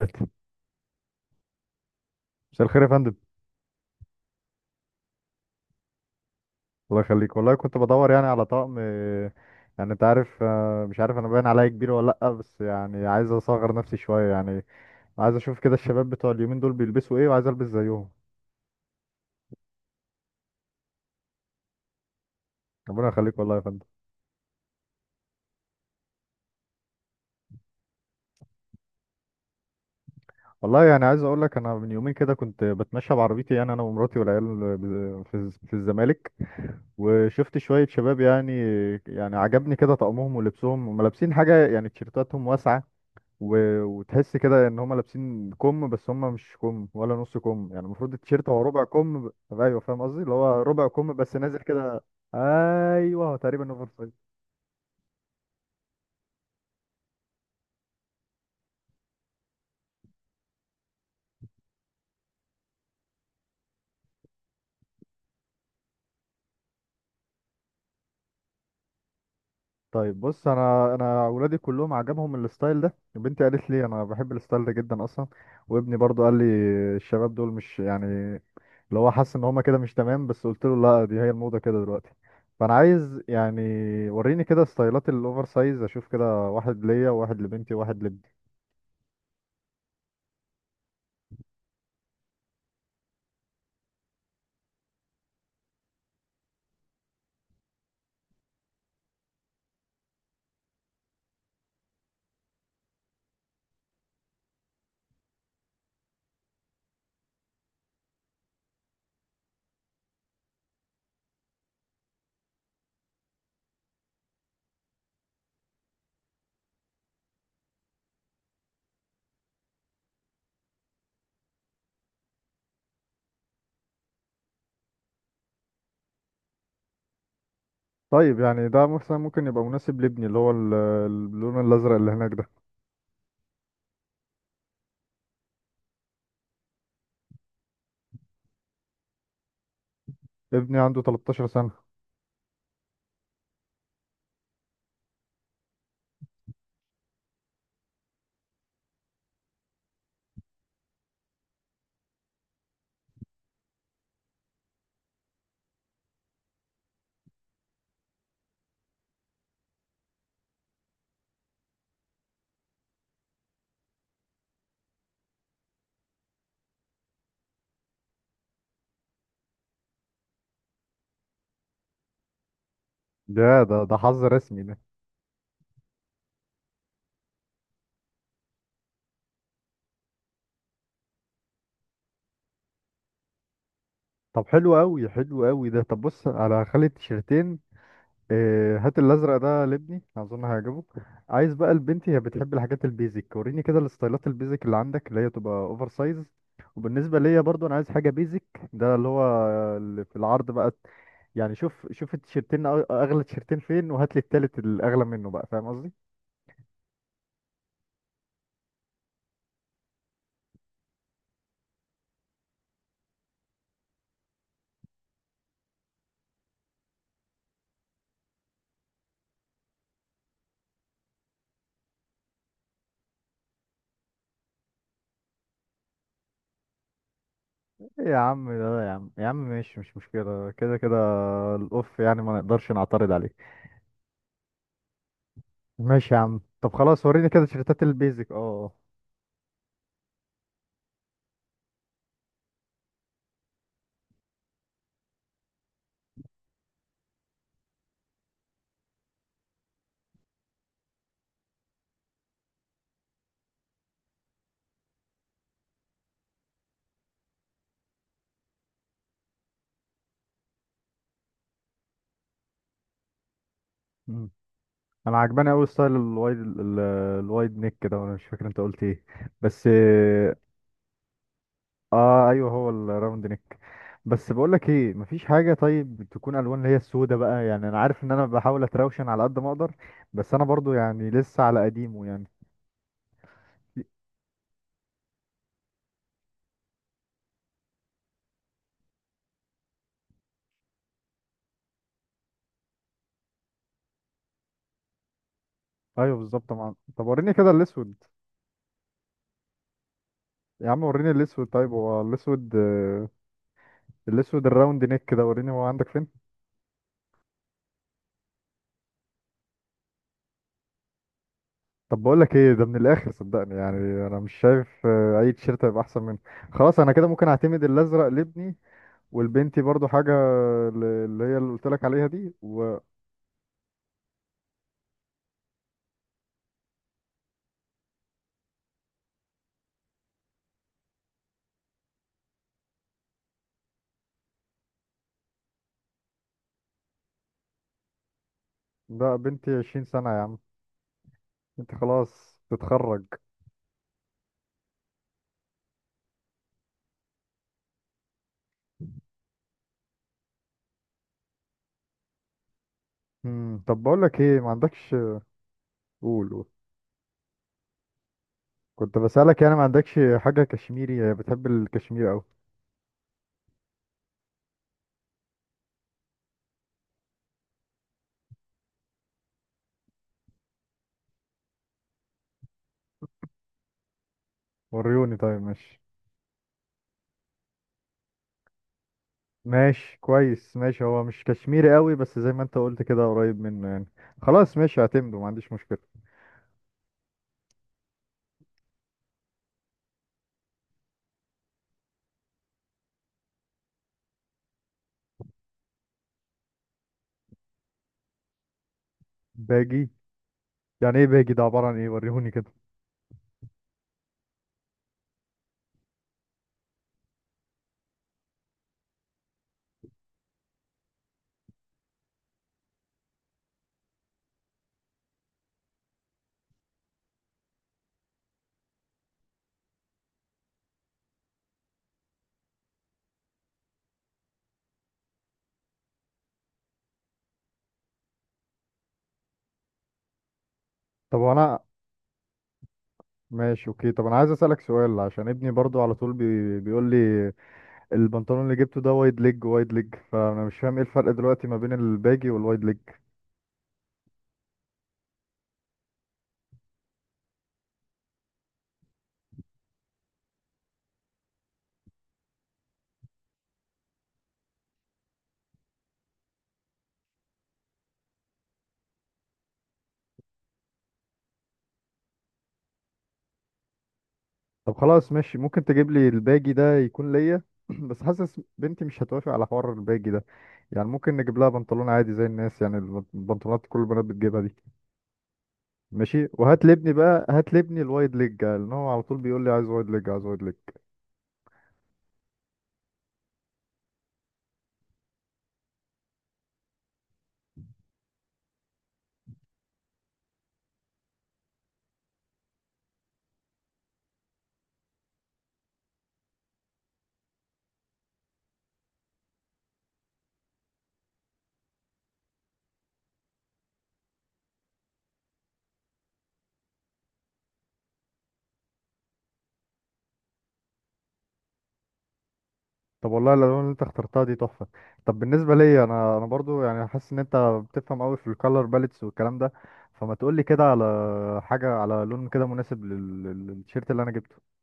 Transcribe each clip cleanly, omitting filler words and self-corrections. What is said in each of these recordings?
مساء الخير يا فندم. الله يخليك والله، كنت بدور يعني على طقم، يعني انت عارف، مش عارف انا باين عليا كبير ولا لا، بس يعني عايز اصغر نفسي شويه يعني. عايز اشوف كده الشباب بتوع اليومين دول بيلبسوا ايه، وعايز البس زيهم. ربنا يخليك والله يا فندم. والله يعني عايز اقول لك، انا من يومين كده كنت بتمشى بعربيتي، يعني انا ومراتي والعيال، في في الزمالك، وشفت شويه شباب يعني. يعني عجبني كده طقمهم ولبسهم، هم لابسين حاجه يعني تيشيرتاتهم واسعه و... وتحس كده ان هم لابسين كم، بس هم مش كم ولا نص كم، يعني المفروض التيشيرت هو ربع كم ايوه فاهم قصدي، اللي هو ربع كم بس نازل كده. ايوه هو تقريبا اوفر سايز. طيب بص، انا اولادي كلهم عجبهم الستايل ده، بنتي قالت لي انا بحب الستايل ده جدا اصلا، وابني برضو قال لي الشباب دول مش يعني اللي هو حاسس ان هم كده مش تمام، بس قلت له لا دي هي الموضة كده دلوقتي. فانا عايز يعني وريني كده ستايلات الاوفر سايز، اشوف كده واحد ليا وواحد لبنتي وواحد. طيب يعني ده مثلا ممكن يبقى مناسب لابني، اللي هو اللون الازرق اللي هناك ده. ابني عنده 13 سنه. ده حظ رسمي ده. طب حلو قوي، حلو قوي ده. طب بص، على خلي التيشيرتين، هات الازرق ده لابني، اظن هيعجبه. عايز بقى لبنتي، هي بتحب الحاجات البيزك، وريني كده الستايلات البيزك اللي عندك، اللي هي تبقى اوفر سايز. وبالنسبه ليا برضو انا عايز حاجه بيزك، ده اللي هو اللي في العرض بقى. يعني شوف شوف التيشيرتين اغلى تيشيرتين فين، وهات لي التالت الاغلى منه بقى، فاهم قصدي. يا عم لا، يا عم يا عم ماشي، مش مشكلة كده كده. الأوف يعني ما نقدرش نعترض عليه. ماشي يا عم، طب خلاص وريني كده تيشيرتات البيزك. مم. أنا عجباني أوي ستايل الوايد نيك كده، وأنا مش فاكر أنت قلت إيه بس. آه أيوه، هو الراوند نيك. بس بقولك إيه، مفيش حاجة طيب تكون ألوان اللي هي السودة بقى؟ يعني أنا عارف إن أنا بحاول أتراوشن على قد ما أقدر، بس أنا برضو يعني لسه على قديمه يعني. أيوه بالظبط طبعا، طب وريني كده الأسود. يا عم وريني الاسود، طيب هو الاسود، الاسود الراوند نيك كده، وريني هو عندك فين. طب بقول لك ايه، ده من الاخر صدقني، يعني انا مش شايف اي تيشيرت هيبقى احسن منه. خلاص انا كده ممكن اعتمد الازرق لابني، والبنتي برضو حاجه اللي هي اللي قلت لك عليها دي وده. بنتي 20 سنه يا عم، انت خلاص تتخرج. امم، طب بقول لك ايه، ما عندكش؟ قول قول. كنت بسالك يعني، ما عندكش حاجه كشميري؟ بتحب الكشمير قوي. وريوني، طيب ماشي. ماشي كويس ماشي، هو مش كشميري قوي، بس زي ما انت قلت كده قريب منه يعني. خلاص ماشي هعتمده، ما عنديش مشكلة. باجي، يعني ايه باجي ده؟ عبارة عن ايه؟ وريهوني كده. طب انا ماشي اوكي، طب انا عايز اسألك سؤال، عشان ابني برضو على طول بيقول لي البنطلون اللي جبته ده وايد ليج وايد ليج، فانا مش فاهم ايه الفرق دلوقتي ما بين الباجي والوايد ليج. طب خلاص ماشي، ممكن تجيب لي الباجي ده يكون ليا. بس حاسس بنتي مش هتوافق على حوار الباجي ده، يعني ممكن نجيب لها بنطلون عادي زي الناس يعني، البنطلونات كل البنات بتجيبها دي. ماشي، وهات لابني بقى، هات لابني الوايد ليج، لان هو على طول بيقول لي عايز وايد ليج عايز وايد ليج. طب والله الالوان اللي انت اخترتها دي تحفه. طب بالنسبه ليا، انا برضو يعني حاسس ان انت بتفهم قوي في الكالر باليتس والكلام ده، فما تقول لي كده على حاجه، على لون كده مناسب للتيشيرت اللي انا جبته.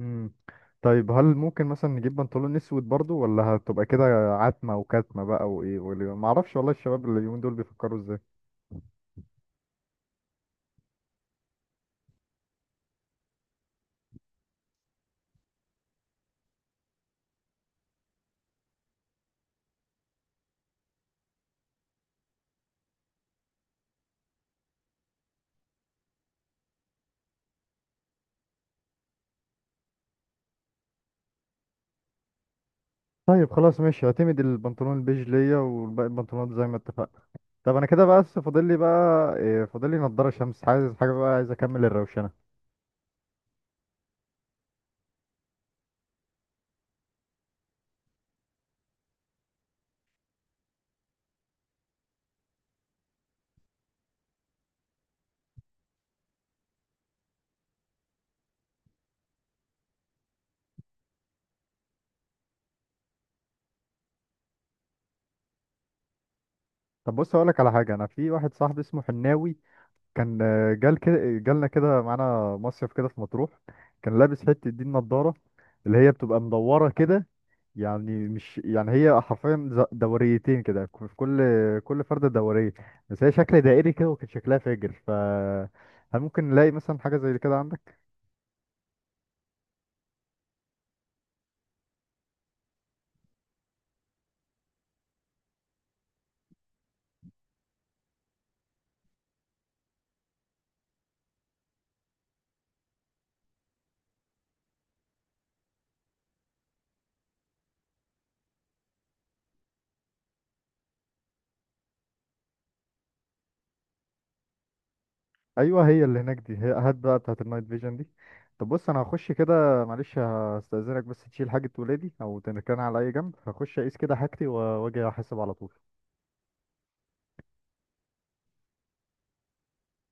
امم، طيب هل ممكن مثلا نجيب بنطلون اسود برضو، ولا هتبقى كده عتمه وكتمه بقى وايه ما اعرفش والله، الشباب اللي اليومين دول بيفكروا ازاي. طيب خلاص ماشي، اعتمد البنطلون البيج ليا، والباقي البنطلونات زي ما اتفقنا. طب انا كده بقى، بس فاضل لي بقى إيه، فاضل لي نضاره شمس، عايز حاجه بقى، عايز اكمل الروشنه. طب بص اقول لك على حاجه، انا في واحد صاحبي اسمه حناوي، كان جال كده جالنا كده معانا مصيف كده في مطروح، كان لابس حته دي النضاره اللي هي بتبقى مدوره كده، يعني مش يعني هي حرفيا دوريتين كده في كل كل فرده دوريه، بس هي شكل دائري كده، وكان شكلها فاجر ف هل ممكن نلاقي مثلا حاجه زي كده عندك؟ ايوه هي اللي هناك دي، هي هات بقى بتاعت النايت فيجن دي. طب بص انا هخش كده معلش، هستأذنك بس تشيل حاجة ولادي او تركنها على اي جنب، هخش اقيس كده حاجتي واجي احاسب على طول.